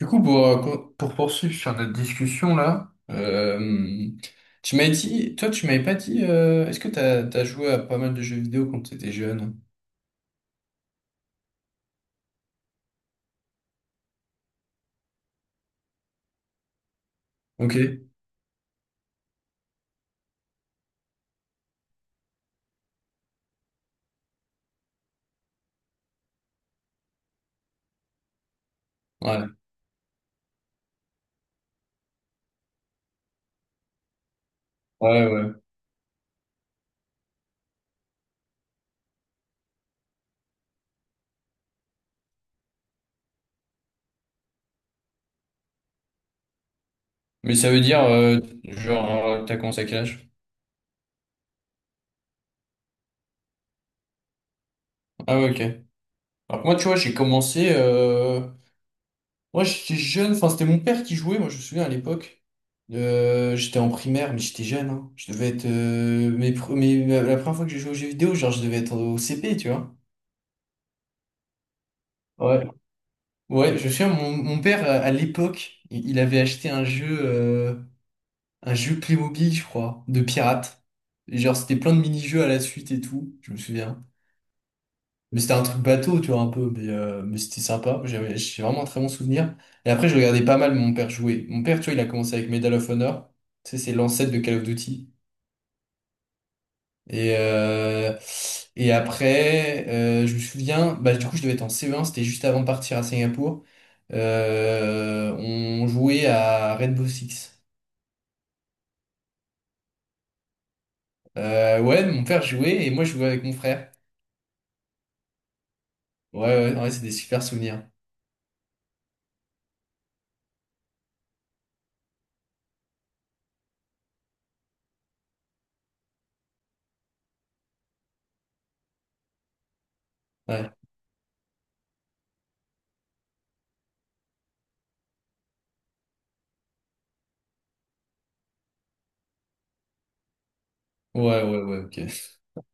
Du coup, pour poursuivre sur notre discussion là, tu m'as dit, toi, tu m'avais pas dit, est-ce que t'as joué à pas mal de jeux vidéo quand t'étais jeune? Ok. Ouais. Ouais, ouais. Mais ça veut dire, genre, t'as commencé à quel âge? Ah ouais, ok. Alors que moi, tu vois, j'ai commencé, moi, j'étais jeune, enfin, c'était mon père qui jouait, moi, je me souviens à l'époque. J'étais en primaire, mais j'étais jeune, hein. Je devais être, la première fois que j'ai joué aux jeux vidéo, genre, je devais être au CP, tu vois. Ouais. Ouais, je sais, mon père, à l'époque, il avait acheté un jeu Playmobil, je crois, de pirates. Et genre, c'était plein de mini-jeux à la suite et tout, je me souviens. Mais c'était un truc bateau, tu vois, un peu, mais c'était sympa. J'ai vraiment un très bon souvenir. Et après, je regardais pas mal mon père jouer. Mon père, tu vois, il a commencé avec Medal of Honor. Tu sais, c'est l'ancêtre de Call of Duty. Et, euh, et après, je me souviens, bah, du coup, je devais être en C1, c'était juste avant de partir à Singapour. On jouait à Rainbow Six. Ouais, mon père jouait et moi, je jouais avec mon frère. Ouais, ouais, ouais, c'est des super souvenirs. Ouais, ouais, ouais, ouais, ok.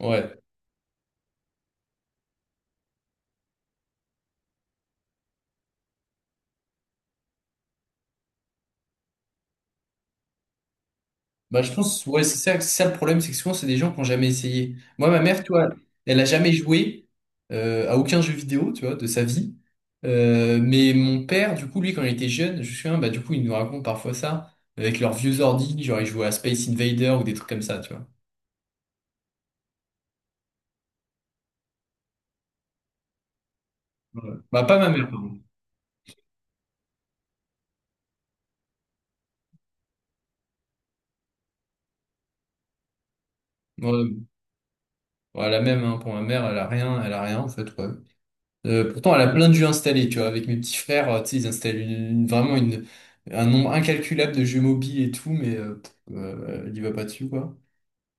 Ouais. Bah, je pense, ouais, c'est ça le problème, c'est que souvent, c'est des gens qui n'ont jamais essayé. Moi, ma mère, tu vois, elle a jamais joué à aucun jeu vidéo, tu vois, de sa vie. Mais mon père, du coup, lui, quand il était jeune, je me souviens, bah, du coup, il nous raconte parfois ça, avec leurs vieux ordi, genre, ils jouaient à Space Invader ou des trucs comme ça, tu vois. Ouais. Bah, pas ma mère, pardon. Ouais, ouais, la même, hein, pour ma mère, elle a rien, en fait, ouais. Pourtant, elle a plein de jeux installés, tu vois. Avec mes petits frères, tu sais, ils installent un nombre incalculable de jeux mobiles et tout, mais elle y va pas dessus, quoi.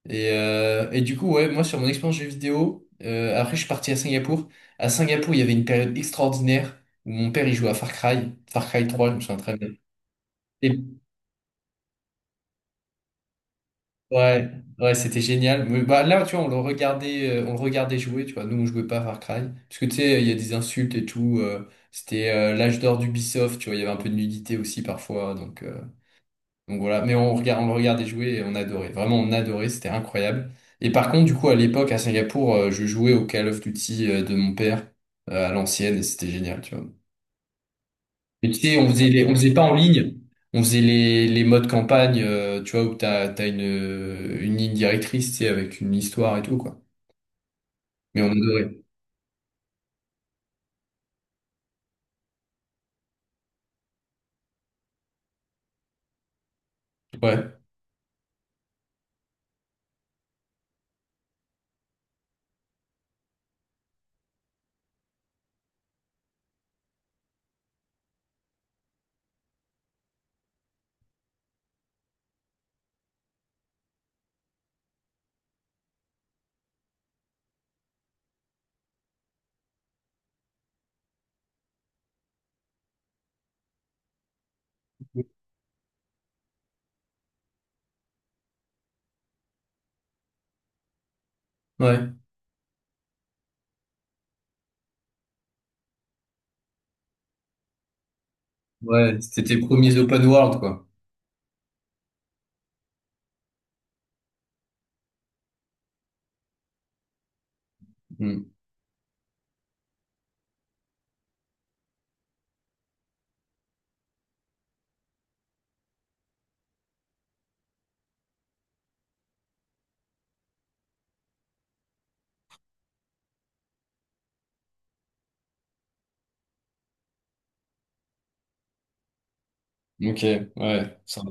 Et du coup, ouais, moi, sur mon expérience jeux vidéo, après, je suis parti à Singapour. À Singapour, il y avait une période extraordinaire où mon père, il jouait à Far Cry, Far Cry 3, je me souviens très bien. Ouais, ouais, c'était génial. Mais bah là, tu vois, on le regardait jouer, tu vois. Nous, on jouait pas à Far Cry. Parce que tu sais, il y a des insultes et tout. C'était l'âge d'or d'Ubisoft, tu vois. Il y avait un peu de nudité aussi parfois. Donc voilà. Mais on le regardait jouer et on adorait. Vraiment, on adorait. C'était incroyable. Et par contre, du coup, à l'époque, à Singapour, je jouais au Call of Duty de mon père à l'ancienne et c'était génial, tu vois. Mais tu sais, on faisait pas en ligne, on faisait les, modes campagne, tu vois, où t'as une ligne directrice, tu sais, avec une histoire et tout, quoi. Mais on adorait. Ouais, ouais, ouais, c'était les premiers open world, quoi. Hmm. Ok, ouais.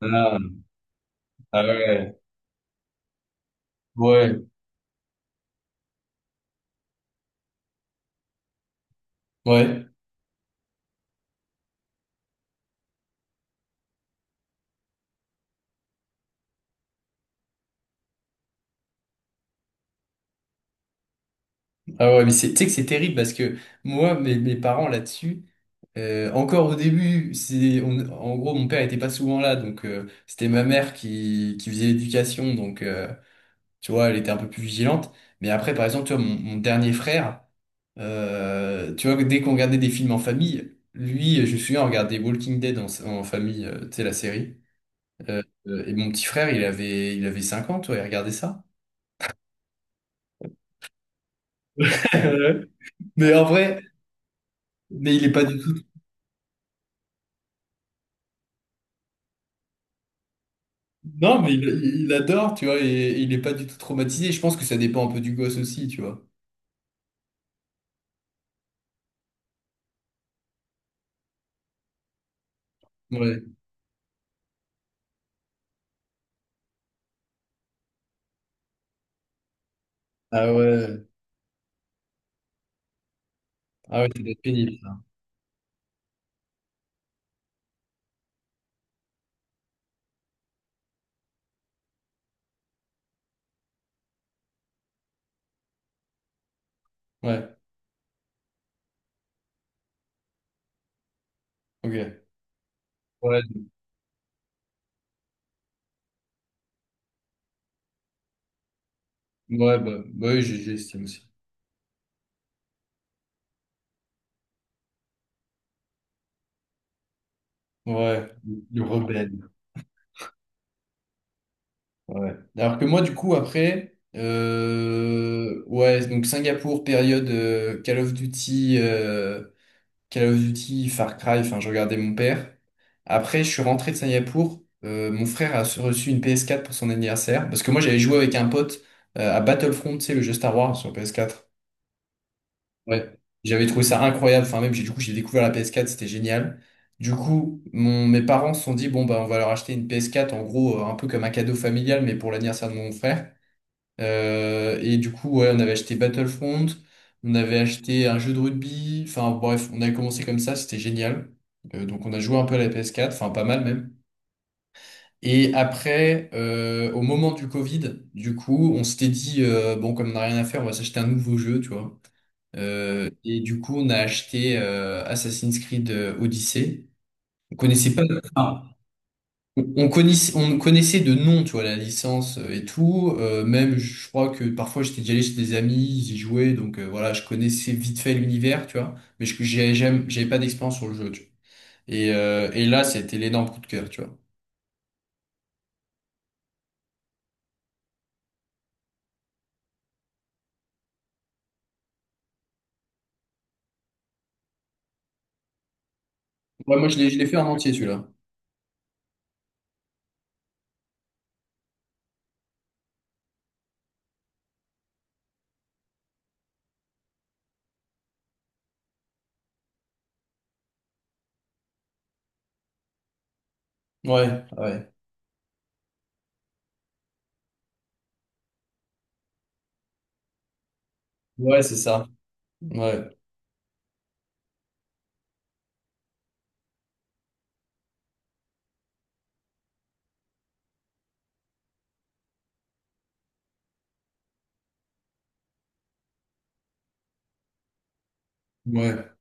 Ah, ah ouais, ouais, ouais. Ah ouais, mais tu sais que c'est terrible parce que moi, mes parents là-dessus, encore au début, en gros, mon père était pas souvent là, donc c'était ma mère qui faisait l'éducation, donc. Tu vois, elle était un peu plus vigilante. Mais après, par exemple, tu vois, mon dernier frère, tu vois, dès qu'on regardait des films en famille, lui, je me souviens, on regardait Walking Dead en famille, tu sais, la série. Et mon petit frère, il avait 5 ans, tu vois, il regardait ça. Euh, mais en vrai, mais il est pas du tout. Non, mais il adore, tu vois, et il est pas du tout traumatisé. Je pense que ça dépend un peu du gosse aussi, tu vois. Ouais. Ah ouais. Ah ouais, ça doit être pénible, ça. Ouais, ok. Ouais, ouais, bah oui, j'estime aussi. Ouais, le rebelle. Ouais. Alors que moi, du coup, après, ouais, donc Singapour, période Call of Duty, Far Cry, enfin, je regardais mon père. Après, je suis rentré de Singapour. Mon frère a reçu une PS4 pour son anniversaire. Parce que moi, j'avais joué avec un pote à Battlefront, tu sais, le jeu Star Wars sur PS4. Ouais, j'avais trouvé ça incroyable. Enfin, même, j'ai, du coup, j'ai découvert la PS4, c'était génial. Du coup, mes parents se sont dit, bon, bah, on va leur acheter une PS4, en gros, un peu comme un cadeau familial, mais pour l'anniversaire de mon frère. Et du coup, ouais, on avait acheté Battlefront, on avait acheté un jeu de rugby. Enfin, bref, on avait commencé comme ça, c'était génial. Donc, on a joué un peu à la PS4, enfin, pas mal même. Et après, au moment du Covid, du coup, on s'était dit, bon, comme on n'a rien à faire, on va s'acheter un nouveau jeu, tu vois. Et du coup, on a acheté Assassin's Creed Odyssey. On connaissait pas, enfin, on connaissait de nom, tu vois, la licence et tout. Même, je crois que parfois j'étais déjà allé chez des amis, ils y jouaient, donc voilà, je connaissais vite fait l'univers, tu vois. Mais j'avais pas d'expérience sur le jeu, tu vois. Et là, c'était l'énorme coup de cœur, tu vois. Ouais, moi, je l'ai fait en entier, celui-là. Ouais, ouais, ouais, c'est ça. Ouais, ouais,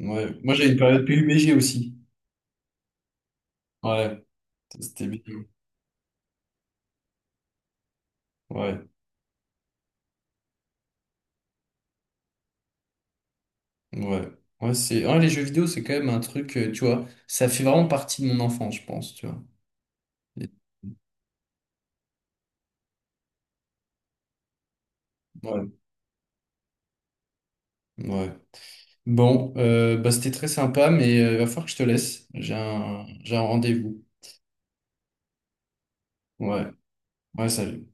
ouais. Moi, j'ai une période PUBG aussi. Ouais, c'était bien. Ouais. Ouais, ouais, ouais, les jeux vidéo, c'est quand même un truc, tu vois, ça fait vraiment partie de mon enfance, je pense, tu vois. Et- Ouais, ouais. Bon, bah, c'était très sympa, mais il va falloir que je te laisse. J'ai un rendez-vous. Ouais, ouais, salut.